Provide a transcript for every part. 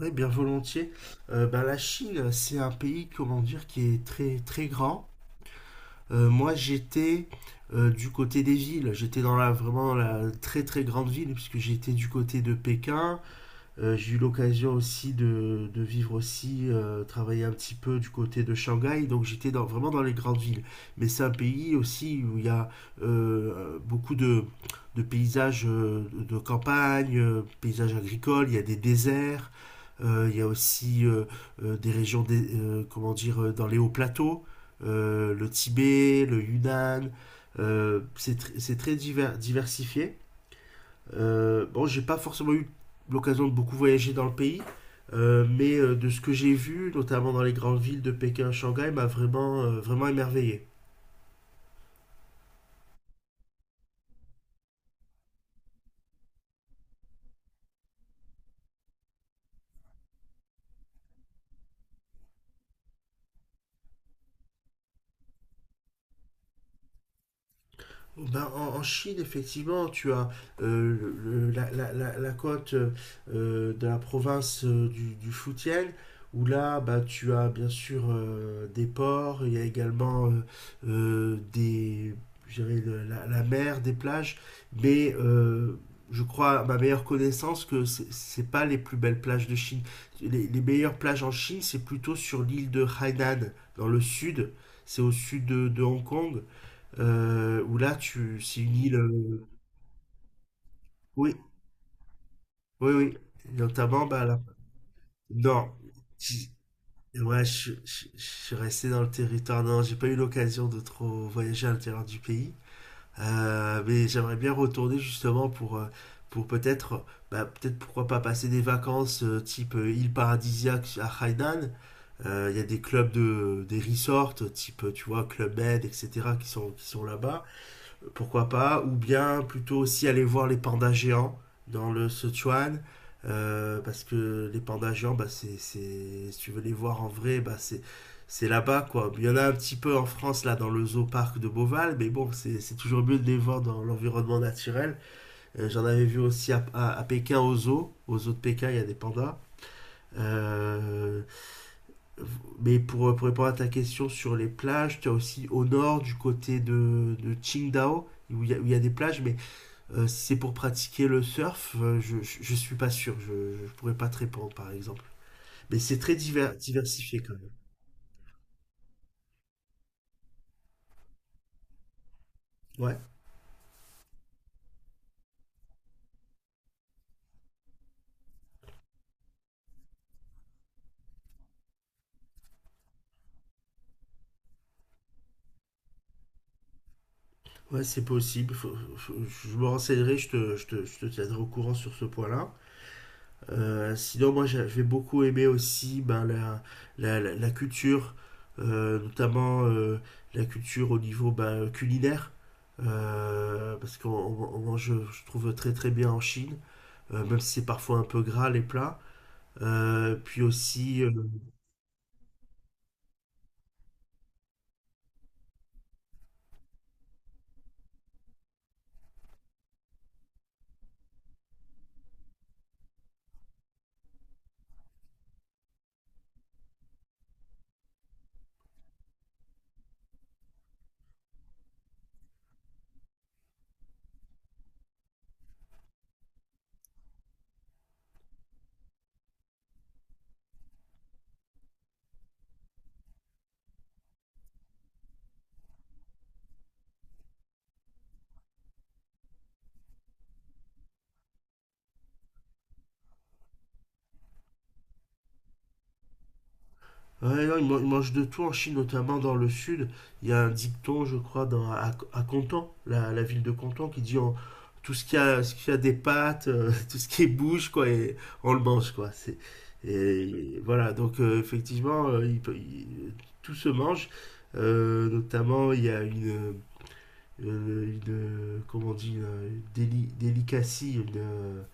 Oui, bien volontiers. La Chine, c'est un pays, comment dire, qui est très très grand. Moi, j'étais du côté des villes. J'étais dans la très très grande ville puisque j'étais du côté de Pékin. J'ai eu l'occasion aussi de vivre aussi, travailler un petit peu du côté de Shanghai, donc j'étais vraiment dans les grandes villes. Mais c'est un pays aussi où il y a beaucoup de paysages de campagne, paysages agricoles, il y a des déserts, il y a aussi des régions, des comment dire, dans les hauts plateaux, le Tibet, le Yunnan, c'est c'est très diversifié. Bon, j'ai pas forcément eu l'occasion de beaucoup voyager dans le pays, mais de ce que j'ai vu, notamment dans les grandes villes de Pékin, Shanghai, m'a vraiment, vraiment émerveillé. Ben, en Chine, effectivement, tu as euh, la côte de la province du Fujian, où là, bah, tu as bien sûr des ports, il y a également euh, des, je dirais, la mer, des plages, mais je crois, à ma meilleure connaissance, que c'est pas les plus belles plages de Chine. Les meilleures plages en Chine, c'est plutôt sur l'île de Hainan, dans le sud, c'est au sud de Hong Kong, où là, c'est une île. Oui, oui, oui. Notamment, bah là. Non. j- Ouais, je suis resté dans le territoire. Non, j'ai pas eu l'occasion de trop voyager à l'intérieur du pays. Mais j'aimerais bien retourner justement pour bah, peut-être, pourquoi pas passer des vacances type île paradisiaque à Hainan. Il y a des clubs des resorts, type, tu vois, Club Med, etc., qui sont là-bas. Pourquoi pas, ou bien plutôt aussi aller voir les pandas géants dans le Sichuan, parce que les pandas géants, bah, c'est, si tu veux les voir en vrai, bah, c'est là-bas quoi. Il y en a un petit peu en France là dans le zoo parc de Beauval, mais bon, c'est toujours mieux de les voir dans l'environnement naturel. J'en avais vu aussi à Pékin au zoo de Pékin, il y a des pandas. Euh, mais pour répondre à ta question sur les plages, tu as aussi au nord du côté de Qingdao, où il y a des plages, mais si c'est pour pratiquer le surf, je suis pas sûr. Je pourrais pas te répondre, par exemple. Mais c'est très diversifié quand même. Ouais, ouais, c'est possible. Je me renseignerai, je te tiendrai au courant sur ce point-là. Sinon, moi, j'ai beaucoup aimé aussi ben, la culture, notamment la culture au niveau ben, culinaire. Parce qu'on on mange, je trouve, très très bien en Chine, même si c'est parfois un peu gras les plats. Puis aussi, ouais, non, ils mangent de tout en Chine, notamment dans le sud. Il y a un dicton, je crois, à Canton, la ville de Canton, qui dit tout ce qui a des pattes, tout ce qui bouge, quoi, et on le mange, quoi. Et voilà, donc effectivement, tout se mange. Notamment, il y a une, comment on dit, une délicatie,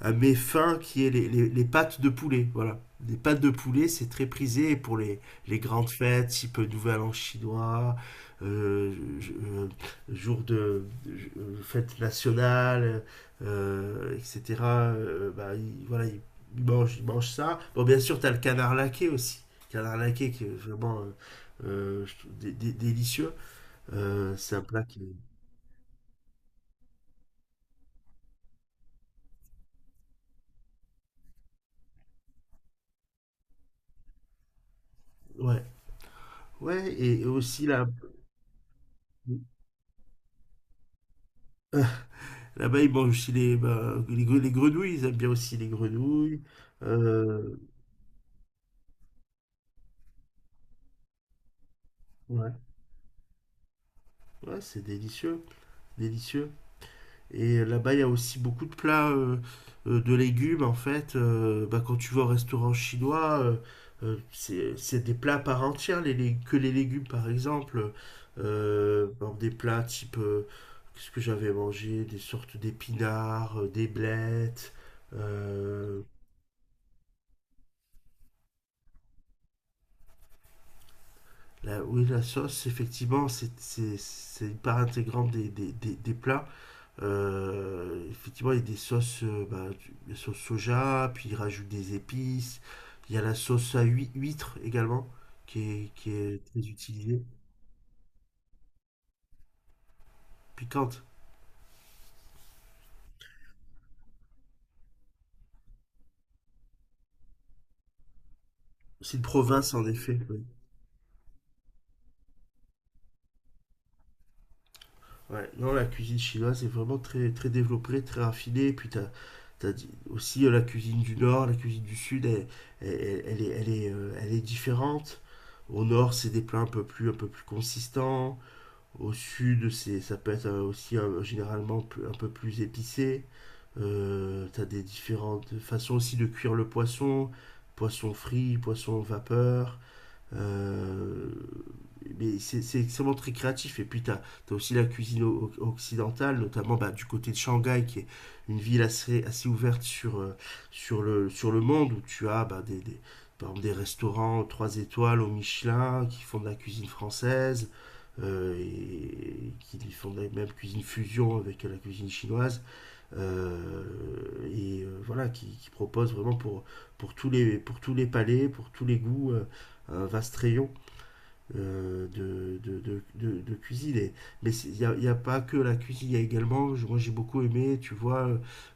un méfin qui est les pâtes de poulet. Voilà. Les pâtes de poulet, c'est très prisé pour les grandes fêtes, type Nouvel An chinois, euh, je- euh, jour de fête nationale, etc. Bah, voilà, il mange ça. Bon, bien sûr, tu as le canard laqué aussi. Canard laqué qui est vraiment je trouve délicieux. C'est un plat qui est. Ouais. Ouais, et aussi là, là-bas, ils mangent aussi bah, les grenouilles, ils aiment bien aussi les grenouilles. Euh, ouais, ouais, c'est délicieux, délicieux. Et là-bas, il y a aussi beaucoup de plats de légumes, en fait. Bah, quand tu vas au restaurant chinois, c'est des plats à part entière, que les légumes, par exemple. Bon, des plats type, qu'est-ce que j'avais mangé? Des sortes d'épinards, des blettes. euh, oui, la sauce, effectivement, c'est une part intégrante des plats. Effectivement, il y a des sauces, bah, la sauce soja, puis il rajoute des épices. Il y a la sauce à huître également, qui est très utilisée. Piquante. C'est une province, en effet. Oui. Ouais, non, la cuisine chinoise est vraiment très, très développée, très raffinée. Et puis, aussi la cuisine du Nord, la cuisine du Sud, elle est différente. Au Nord, c'est des plats un peu plus consistants. Au Sud, ça peut être aussi généralement un peu plus épicé. Tu as des différentes façons aussi de cuire le poisson, poisson frit, poisson vapeur. Euh, mais c'est extrêmement très créatif. Et puis, tu as aussi la cuisine occidentale, notamment bah, du côté de Shanghai, qui est une ville assez ouverte sur le monde, où tu as bah, par exemple, des restaurants 3 étoiles au Michelin qui font de la cuisine française. Et qui font de la même cuisine fusion avec la cuisine chinoise. Voilà, qui propose vraiment pour tous les palais, pour tous les goûts, un vaste rayon de cuisine. Mais il n'y a pas que la cuisine, il y a également, moi j'ai beaucoup aimé, tu vois,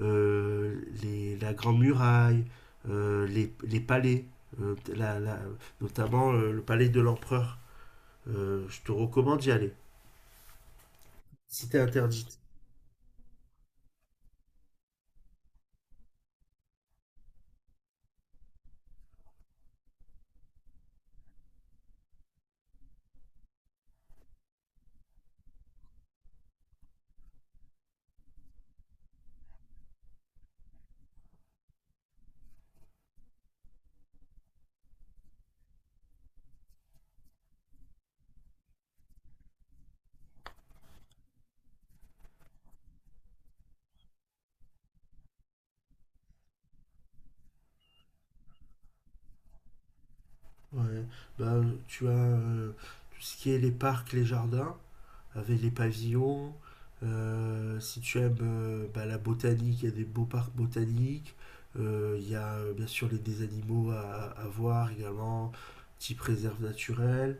la Grande Muraille, palais, euh, la, la, notamment le palais de l'empereur. Je te recommande d'y aller, si t'es interdite. Ouais, ben, tu as tout ce qui est les parcs, les jardins, avec les pavillons. Si tu aimes bah, la botanique, il y a des beaux parcs botaniques. Il y a bien sûr des animaux à voir également, type réserve naturelle.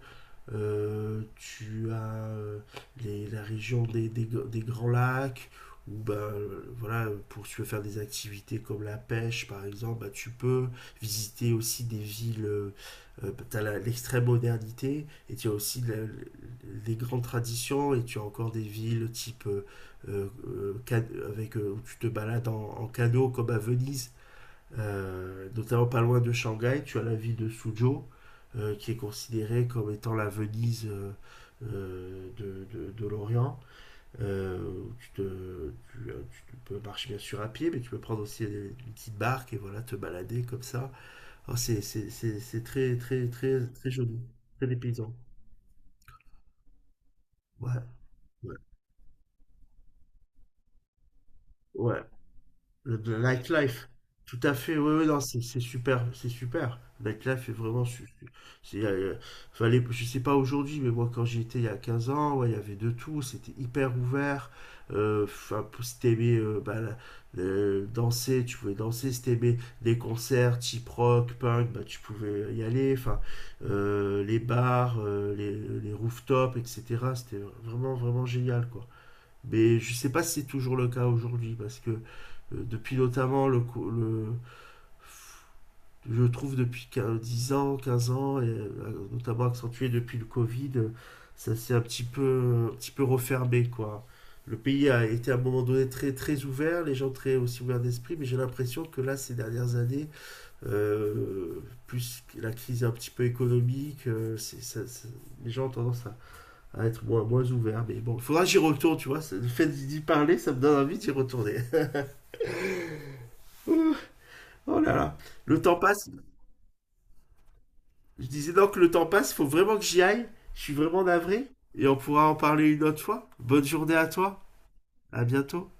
Tu as la région des Grands Lacs, ou ben voilà pour si tu veux faire des activités comme la pêche par exemple ben, tu peux visiter aussi des villes. Tu as l'extrême modernité et tu as aussi les grandes traditions et tu as encore des villes type avec où tu te balades en canot comme à Venise, notamment pas loin de Shanghai, tu as la ville de Suzhou, qui est considérée comme étant la Venise de l'Orient. Euh, tu, te- tu, euh, Tu peux marcher bien sûr à pied, mais tu peux prendre aussi une petite barque et voilà, te balader comme ça. Alors c'est très, très, très, très joli, très dépaysant. Ouais, ouais, ouais. Le nightlife. Tout à fait, oui, oui, non, c'est super, c'est super. Le Nightlife est vraiment. C'est, euh, Fallait, je sais pas aujourd'hui, mais moi quand j'y étais il y a 15 ans, ouais, il y avait de tout, c'était hyper ouvert. Enfin, si t'aimais bah, danser, tu pouvais danser. Si t'aimais des concerts type rock, punk, bah, tu pouvais y aller. Enfin, les bars, les rooftops, etc. C'était vraiment, vraiment génial, quoi. Mais je sais pas si c'est toujours le cas aujourd'hui, parce que depuis notamment je trouve depuis 10 ans, 15 ans, notamment accentué depuis le Covid, ça s'est un petit peu refermé, quoi. Le pays a été à un moment donné très, très ouvert, les gens très aussi ouverts d'esprit, mais j'ai l'impression que là, ces dernières années, euh, plus la crise un petit peu économique, les gens ont tendance à être moins ouvert. Mais bon, il faudra que j'y retourne, tu vois. Le fait d'y parler, ça me donne envie d'y retourner. Oh là là. Le temps passe. Je disais donc que le temps passe, faut vraiment que j'y aille. Je suis vraiment navré. Et on pourra en parler une autre fois. Bonne journée à toi. À bientôt.